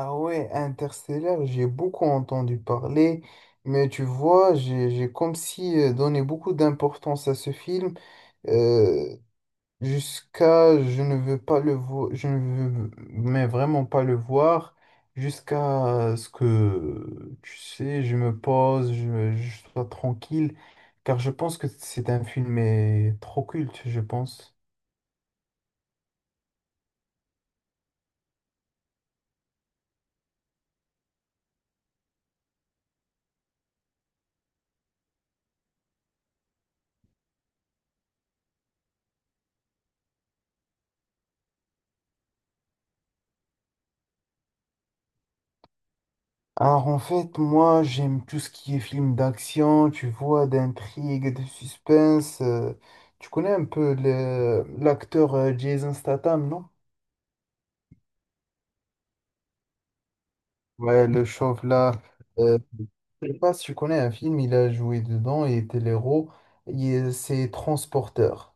Ah ouais, Interstellar, j'ai beaucoup entendu parler, mais tu vois, j'ai comme si donné beaucoup d'importance à ce film euh, jusqu'à je ne veux pas le voir, je ne veux mais vraiment pas le voir, jusqu'à ce que, tu sais, je me pose, je sois tranquille, car je pense que c'est un film mais trop culte, je pense. Alors en fait, moi j'aime tout ce qui est film d'action, tu vois, d'intrigue, de suspense. Tu connais un peu l'acteur Jason Statham, non? Ouais, le chauve là. Euh, je sais pas si tu connais un film, il a joué dedans, il était l'héros. C'est Transporteur.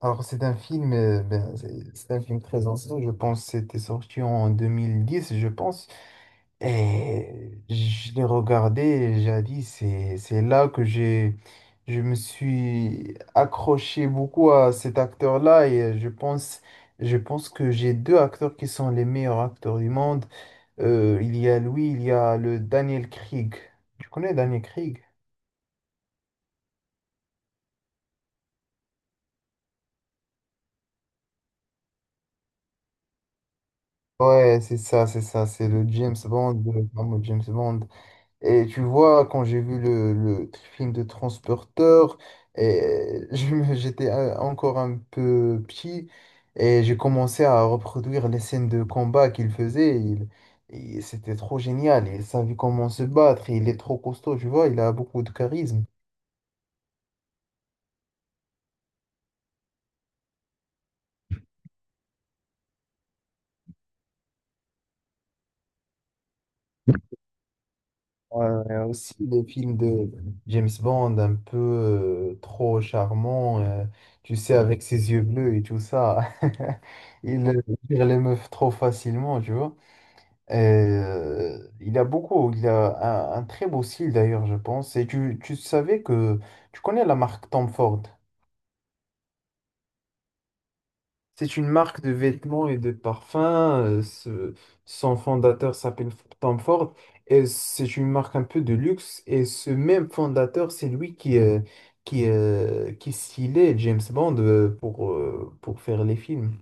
Alors c'est un film, c'est un film très ancien, je pense que c'était sorti en 2010, je pense. Et je l'ai regardé et j'ai dit, c'est là que je me suis accroché beaucoup à cet acteur-là et je pense que j'ai deux acteurs qui sont les meilleurs acteurs du monde. Il y a lui, il y a le Daniel Craig. Tu connais Daniel Craig? Ouais, c'est ça, c'est ça, c'est le James Bond, le fameux James Bond. Et tu vois, quand j'ai vu le film de Transporteur, et j'étais encore un peu petit et j'ai commencé à reproduire les scènes de combat qu'il faisait. Et c'était trop génial. Il savait comment se battre. Il est trop costaud, tu vois. Il a beaucoup de charisme. Aussi les films de James Bond, un peu trop charmant, tu sais, avec ses yeux bleus et tout ça. Il tire les meufs trop facilement, tu vois. Il a beaucoup, il a un très beau style d'ailleurs, je pense. Et tu savais que tu connais la marque Tom Ford. C'est une marque de vêtements et de parfums. Son fondateur Tom Ford, et c'est une marque un peu de luxe. Et ce même fondateur, c'est lui qui stylait James Bond pour faire les films.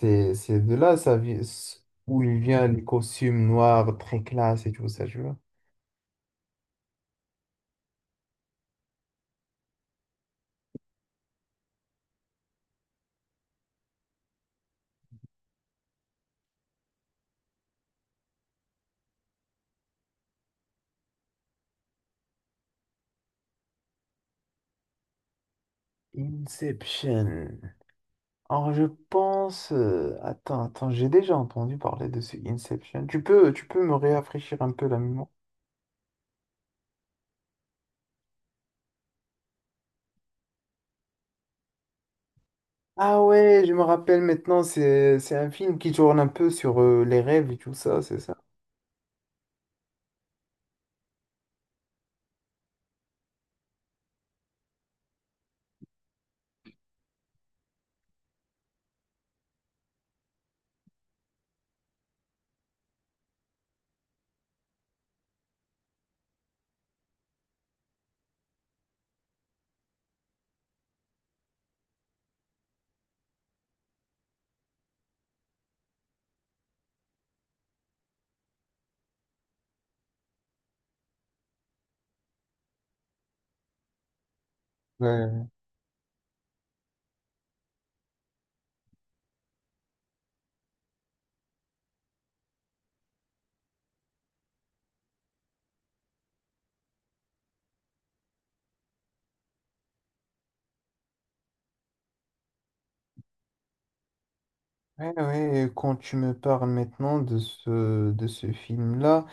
C'est de là ça, où il vient les costumes noirs très classe et tout ça, tu vois. Inception. Alors je pense... Attends, attends, j'ai déjà entendu parler de ce Inception. Tu peux me rafraîchir un peu la mémoire? Ah ouais, je me rappelle maintenant, c'est un film qui tourne un peu sur les rêves et tout ça, c'est ça? Ouais. Ouais, ouais, et quand tu me parles maintenant de ce film-là,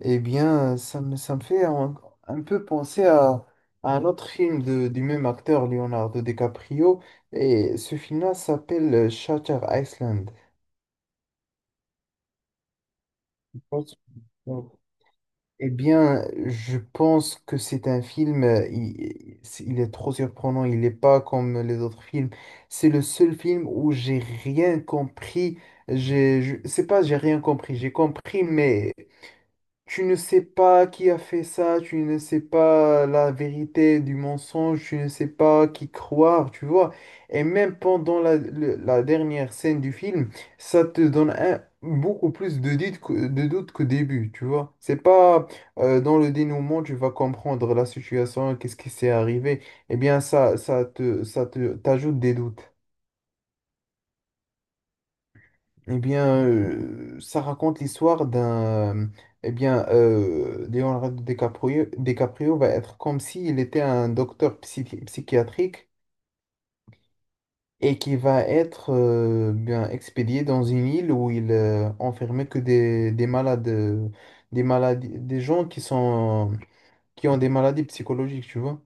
eh bien, ça me fait un peu penser à un autre film de, du même acteur, Leonardo DiCaprio, et ce film-là s'appelle Shutter Island. pense- Eh bien, je pense que c'est un film, il est trop surprenant, il n'est pas comme les autres films. C'est le seul film où j'ai rien compris. C'est pas j'ai rien compris, j'ai compris, mais tu ne sais pas qui a fait ça, tu ne sais pas la vérité du mensonge, tu ne sais pas qui croire, tu vois. Et même pendant la dernière scène du film, ça te donne beaucoup plus de doutes de doutes qu'au début, tu vois. C'est pas dans le dénouement, tu vas comprendre la situation, qu'est-ce qui s'est arrivé. Eh bien, ça te t'ajoute des doutes. Eh bien, ça raconte l'histoire d'un... Eh bien, DiCaprio va être comme s'il était un docteur psychiatrique et qui va être bien expédié dans une île où il enfermait que des malades, des maladies, des gens qui sont, qui ont des maladies psychologiques, tu vois.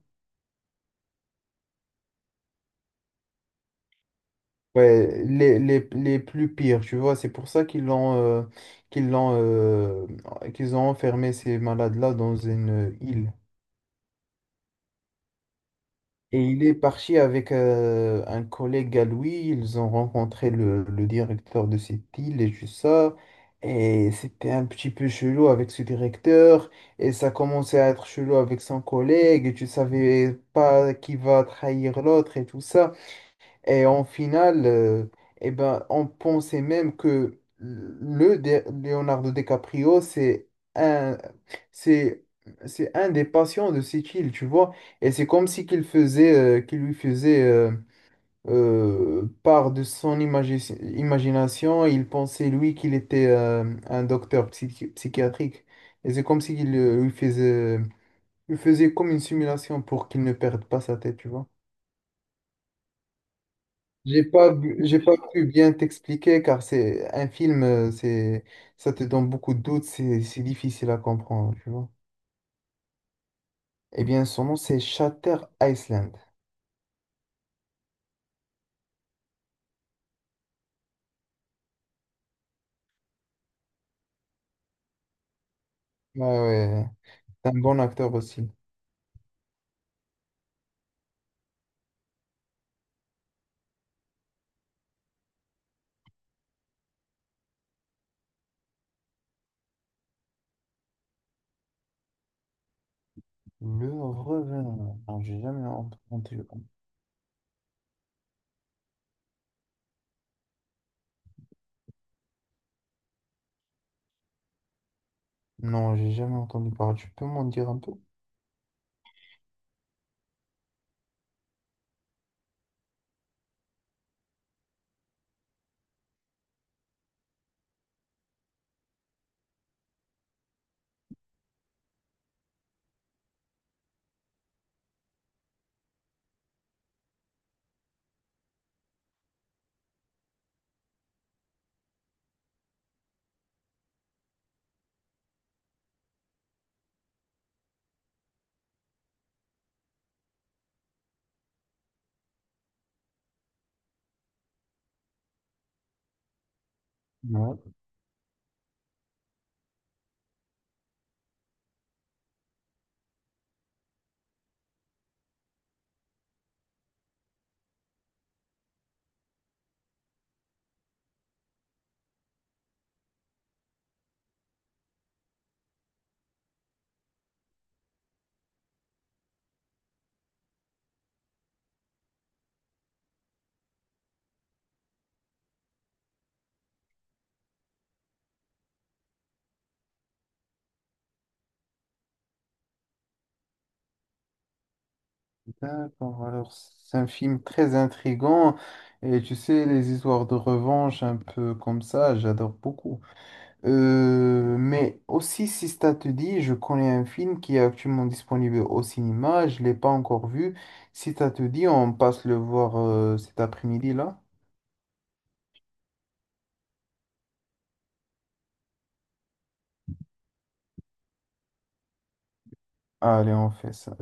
Ouais, les plus pires, tu vois. C'est pour ça qu'ils l'ont euh, qu'ils ont enfermé ces malades-là dans une île. Et il est parti avec un collègue à lui, ils ont rencontré le directeur de cette île et tout ça, et c'était un petit peu chelou avec ce directeur, et ça commençait à être chelou avec son collègue, et tu savais pas qui va trahir l'autre et tout ça. Et en finale, on pensait même que Leonardo DiCaprio, c'est un, c'est, c'est un des patients de cette île, tu vois. Et c'est comme si qu'il lui faisait part de son imagination. Il pensait, lui, qu'il était un docteur psychiatrique. Et c'est comme si qu'il lui faisait comme une simulation pour qu'il ne perde pas sa tête, tu vois. J'ai pas pu bien t'expliquer car c'est un film, ça te donne beaucoup de doutes, c'est difficile à comprendre, tu vois. Eh bien, son nom, c'est Shatter Island. Ouais, ouais, ouais. C'est un bon acteur aussi. Le Revenant. Non, j'ai jamais entendu. Non, j'ai jamais entendu parler. Tu peux m'en dire un peu? Ouais. D'accord. Alors, c'est un film très intrigant. Et tu sais, les histoires de revanche un peu comme ça, j'adore beaucoup. Mais aussi, si ça te dit, je connais un film qui est actuellement disponible au cinéma, je ne l'ai pas encore vu. Si ça te dit, on passe le voir cet après-midi là. Allez, on fait ça.